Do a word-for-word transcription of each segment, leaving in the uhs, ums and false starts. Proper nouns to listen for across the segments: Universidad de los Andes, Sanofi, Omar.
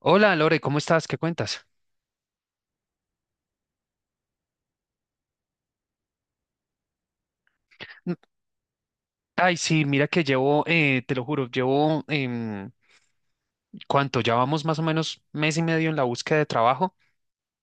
Hola Lore, ¿cómo estás? ¿Qué cuentas? Mm. Ay, sí, mira que llevo, eh, te lo juro, llevo, em, ¿cuánto? Ya vamos más o menos mes y medio en la búsqueda de trabajo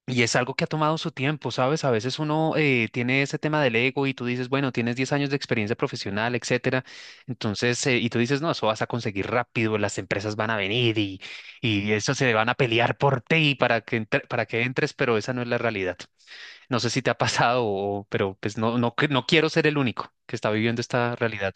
y es algo que ha tomado su tiempo, ¿sabes? A veces uno eh, tiene ese tema del ego y tú dices, bueno, tienes diez años de experiencia profesional, etcétera. Entonces, eh, y tú dices, no, eso vas a conseguir rápido, las empresas van a venir y, y eso se van a pelear por ti para que entre- para que entres, pero esa no es la realidad. No sé si te ha pasado, o- pero pues no, no, que- no quiero ser el único que está viviendo esta realidad.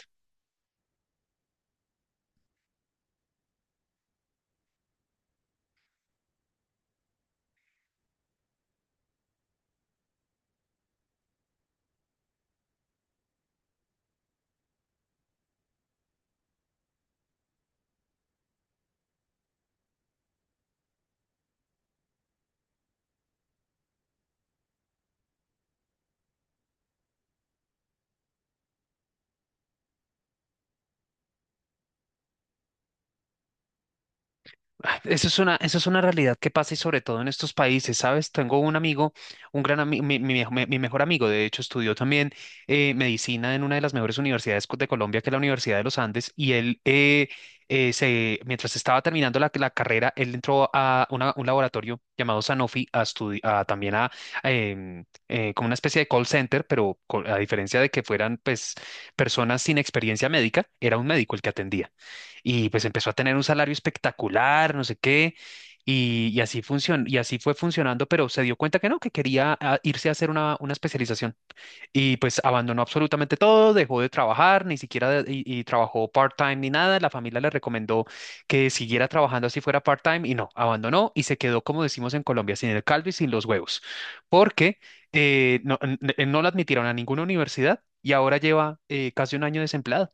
Ah, Eso es una, eso es una realidad que pasa y sobre todo en estos países, ¿sabes? Tengo un amigo, un gran amigo, mi, mi mejo- mi- mejor amigo, de hecho, estudió también eh, medicina en una de las mejores universidades co- de Colombia, que es la Universidad de los Andes, y él, eh, eh, se, mientras estaba terminando la, la carrera, él entró a una- un laboratorio llamado Sanofi a estudi- a también a, em, eh, como una especie de call center, pero co- a diferencia de que fueran, pues, personas sin experiencia médica, era un médico el que atendía y pues empezó a tener un salario espectacular, no sé qué, y, y así funcionó, y así fue funcionando, pero se dio cuenta que no, que quería ah, irse a hacer una, una, especialización y pues abandonó absolutamente todo, dejó de trabajar, ni siquiera de- y, y trabajó part-time ni nada, la familia le recomendó que siguiera trabajando así fuera part-time y no, abandonó y se quedó, como decimos en Colombia, sin el caldo y sin los huevos, porque eh, no, n- n- no la admitieron a ninguna universidad y ahora lleva eh, casi un año desempleado.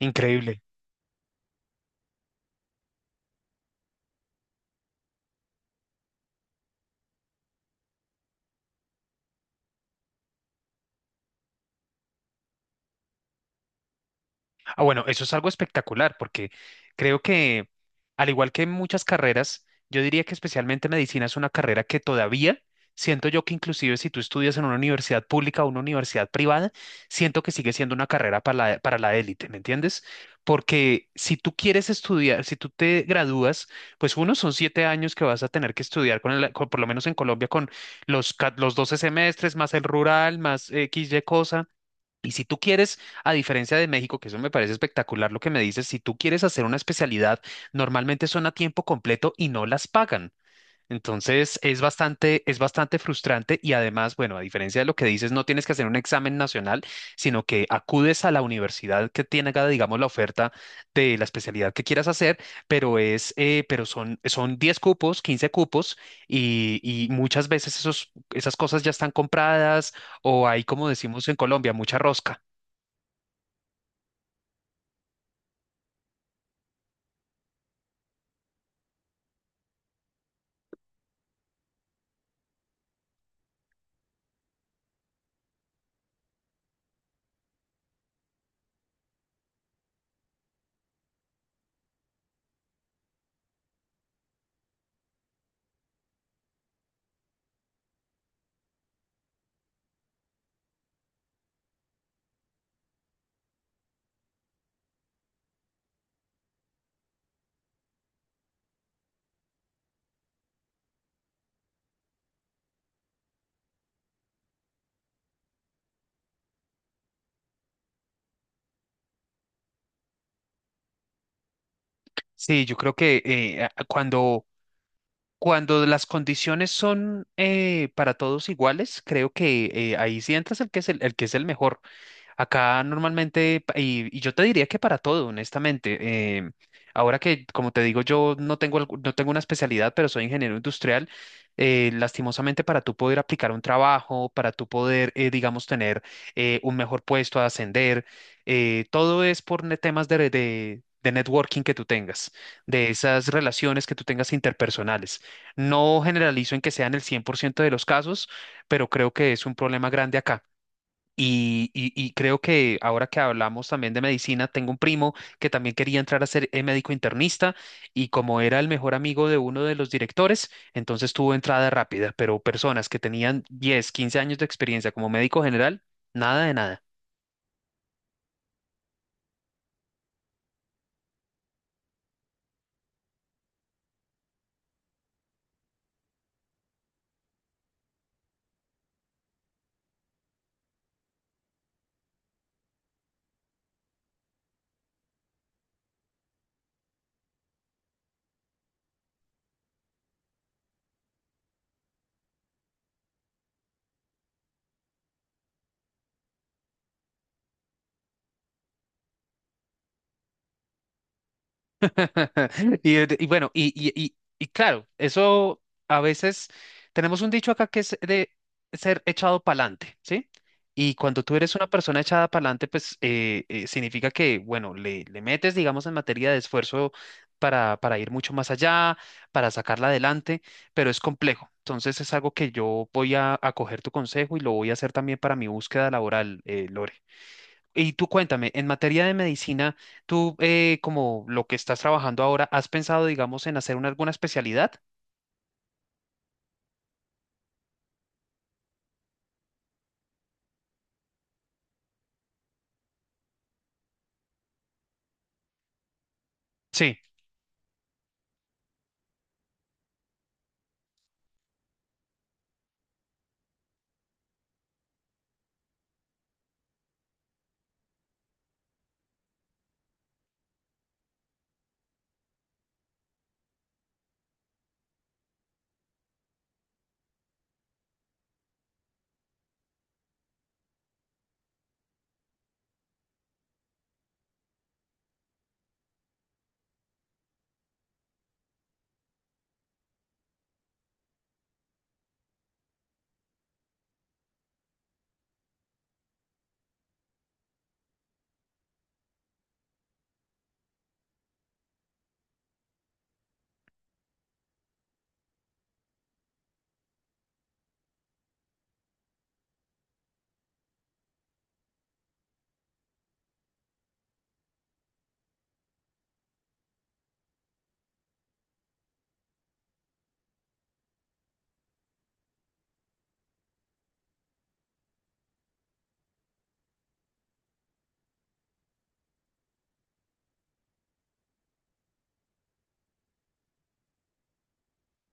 Increíble. Ah, bueno, eso es algo espectacular porque creo que, al igual que muchas carreras, yo diría que especialmente medicina es una carrera que todavía siento yo que inclusive si tú estudias en una universidad pública o una universidad privada, siento que sigue siendo una carrera para la, para la élite, ¿me entiendes? Porque si tú quieres estudiar, si tú te gradúas, pues uno son siete años que vas a tener que estudiar con, el- con- por lo menos en Colombia, con los, ca- los doce semestres, más el rural, más X, Y cosa y si tú quieres, a diferencia de México, que eso me parece espectacular lo que me dices, si tú quieres hacer una especialidad, normalmente son a tiempo completo y no las pagan. Entonces es bastante, es bastante frustrante y además, bueno, a diferencia de lo que dices, no tienes que hacer un examen nacional, sino que acudes a la universidad que tenga, digamos, la oferta de la especialidad que quieras hacer, pero es, eh, pero son, son diez cupos, quince cupos y, y muchas veces esos, esas cosas ya están compradas o hay, como decimos en Colombia, mucha rosca. Sí, yo creo que eh, a- cuando, cuando las condiciones son eh, para todos iguales, creo que eh, ahí sí entras el que es el, el que es el mejor. Acá normalmente, pa- y, y yo te diría que para todo, honestamente, em, ahora que, como te digo, yo no tengo, algu- no tengo una especialidad, pero soy ingeniero industrial, eh, lastimosamente para tú poder aplicar un trabajo, para tú poder, eh, digamos, tener eh, un mejor puesto a ascender, eh, todo es por ne- temas de, de, de networking que tú tengas, de esas relaciones que tú tengas interpersonales. No generalizo en que sean el cien por ciento de los casos, pero creo que es un problema grande acá. Y, y- y creo que ahora que hablamos también de medicina, tengo un primo que también quería entrar a ser eh, médico internista y como era el mejor amigo de uno de los directores, entonces tuvo entrada rápida, pero personas que tenían diez quince años de experiencia como médico general, nada de nada. Y, de- y bueno, y, y, y, y claro, eso a veces tenemos un dicho acá que es de ser echado pa'lante, ¿sí? Y cuando tú eres una persona echada pa'lante, pues eh, eh, significa que, bueno, le, le metes, digamos, en materia de esfuerzo para, para ir mucho más allá, para sacarla adelante, pero es complejo. Entonces es algo que yo voy a, a coger tu consejo y lo voy a hacer también para mi búsqueda laboral, eh, Lore. Y tú cuéntame, en materia de medicina, tú eh, como lo que estás trabajando ahora, ¿has pensado, digamos, en hacer una, alguna especialidad? Sí.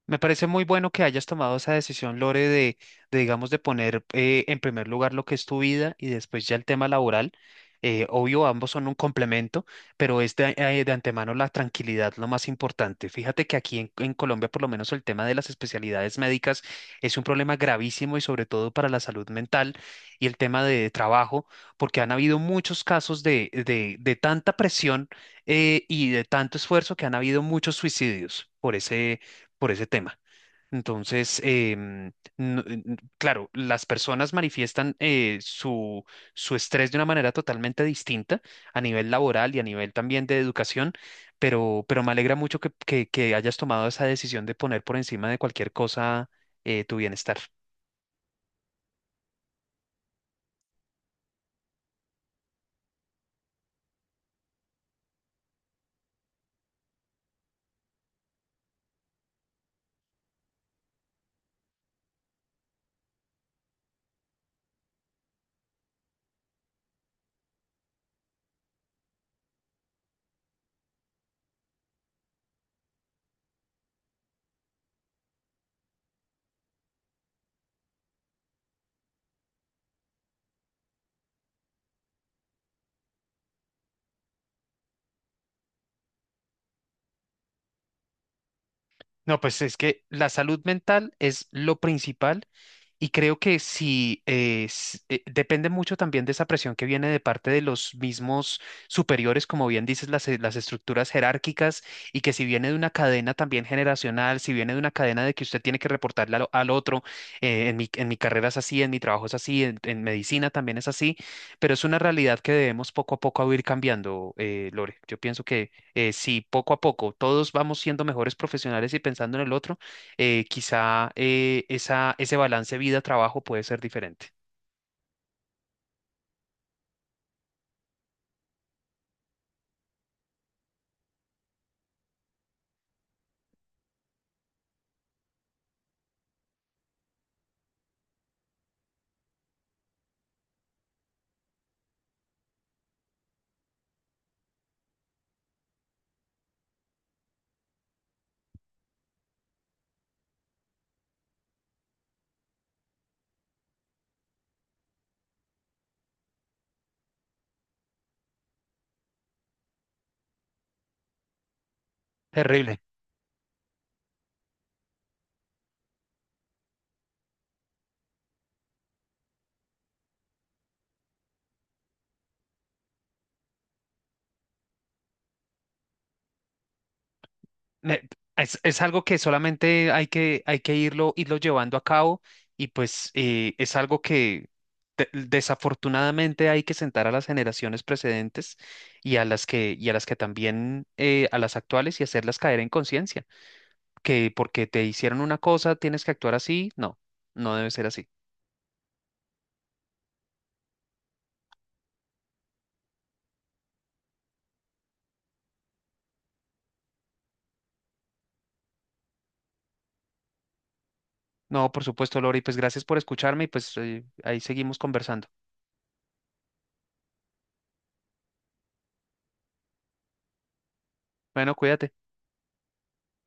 Me parece muy bueno que hayas tomado esa decisión, Lore, de, de, digamos, de poner eh, en primer lugar lo que es tu vida y después ya el tema laboral. Eh, obvio, ambos son un complemento, pero es de, eh, de antemano la tranquilidad lo más importante. Fíjate que aquí en, en Colombia, por lo menos el tema de las especialidades médicas es un problema gravísimo y sobre todo para la salud mental y el tema de trabajo, porque han habido muchos casos de, de, de tanta presión eh, y de tanto esfuerzo que han habido muchos suicidios por ese por ese tema. Entonces, em, no- eh, n- claro, las personas manifiestan eh, su, su estrés de una manera totalmente distinta a nivel laboral y a nivel también de educación, pero, pero me alegra mucho que, que- que hayas tomado esa decisión de poner por encima de cualquier cosa eh, tu bienestar. No, pues es que la salud mental es lo principal y creo que si eh, s- eh, depende mucho también de esa presión que viene de parte de los mismos superiores, como bien dices, las, eh, las estructuras jerárquicas y que si viene de una cadena también generacional, si viene de una cadena de que usted tiene que reportarle al, al otro, eh, en mi, en mi carrera es así, en mi trabajo es así, en, en medicina también es así, pero es una realidad que debemos poco a poco ir cambiando, eh, Lore. Yo pienso eh, si poco a poco todos vamos siendo mejores profesionales y pensando en el otro, eh, quizá eh, esa, ese balance vida-trabajo puede ser diferente. Terrible. Me- es, es algo que solamente hay que, hay que irlo, irlo llevando a cabo y pues eh, es algo que de- desafortunadamente hay que sentar a las generaciones precedentes y a las que, y a las que también, eh, a las actuales y hacerlas caer en conciencia, que porque te hicieron una cosa tienes que actuar así, no, no debe ser así. No, por supuesto, Lori, pues gracias por escucharme y pues eh, ahí seguimos conversando. Bueno, cuídate.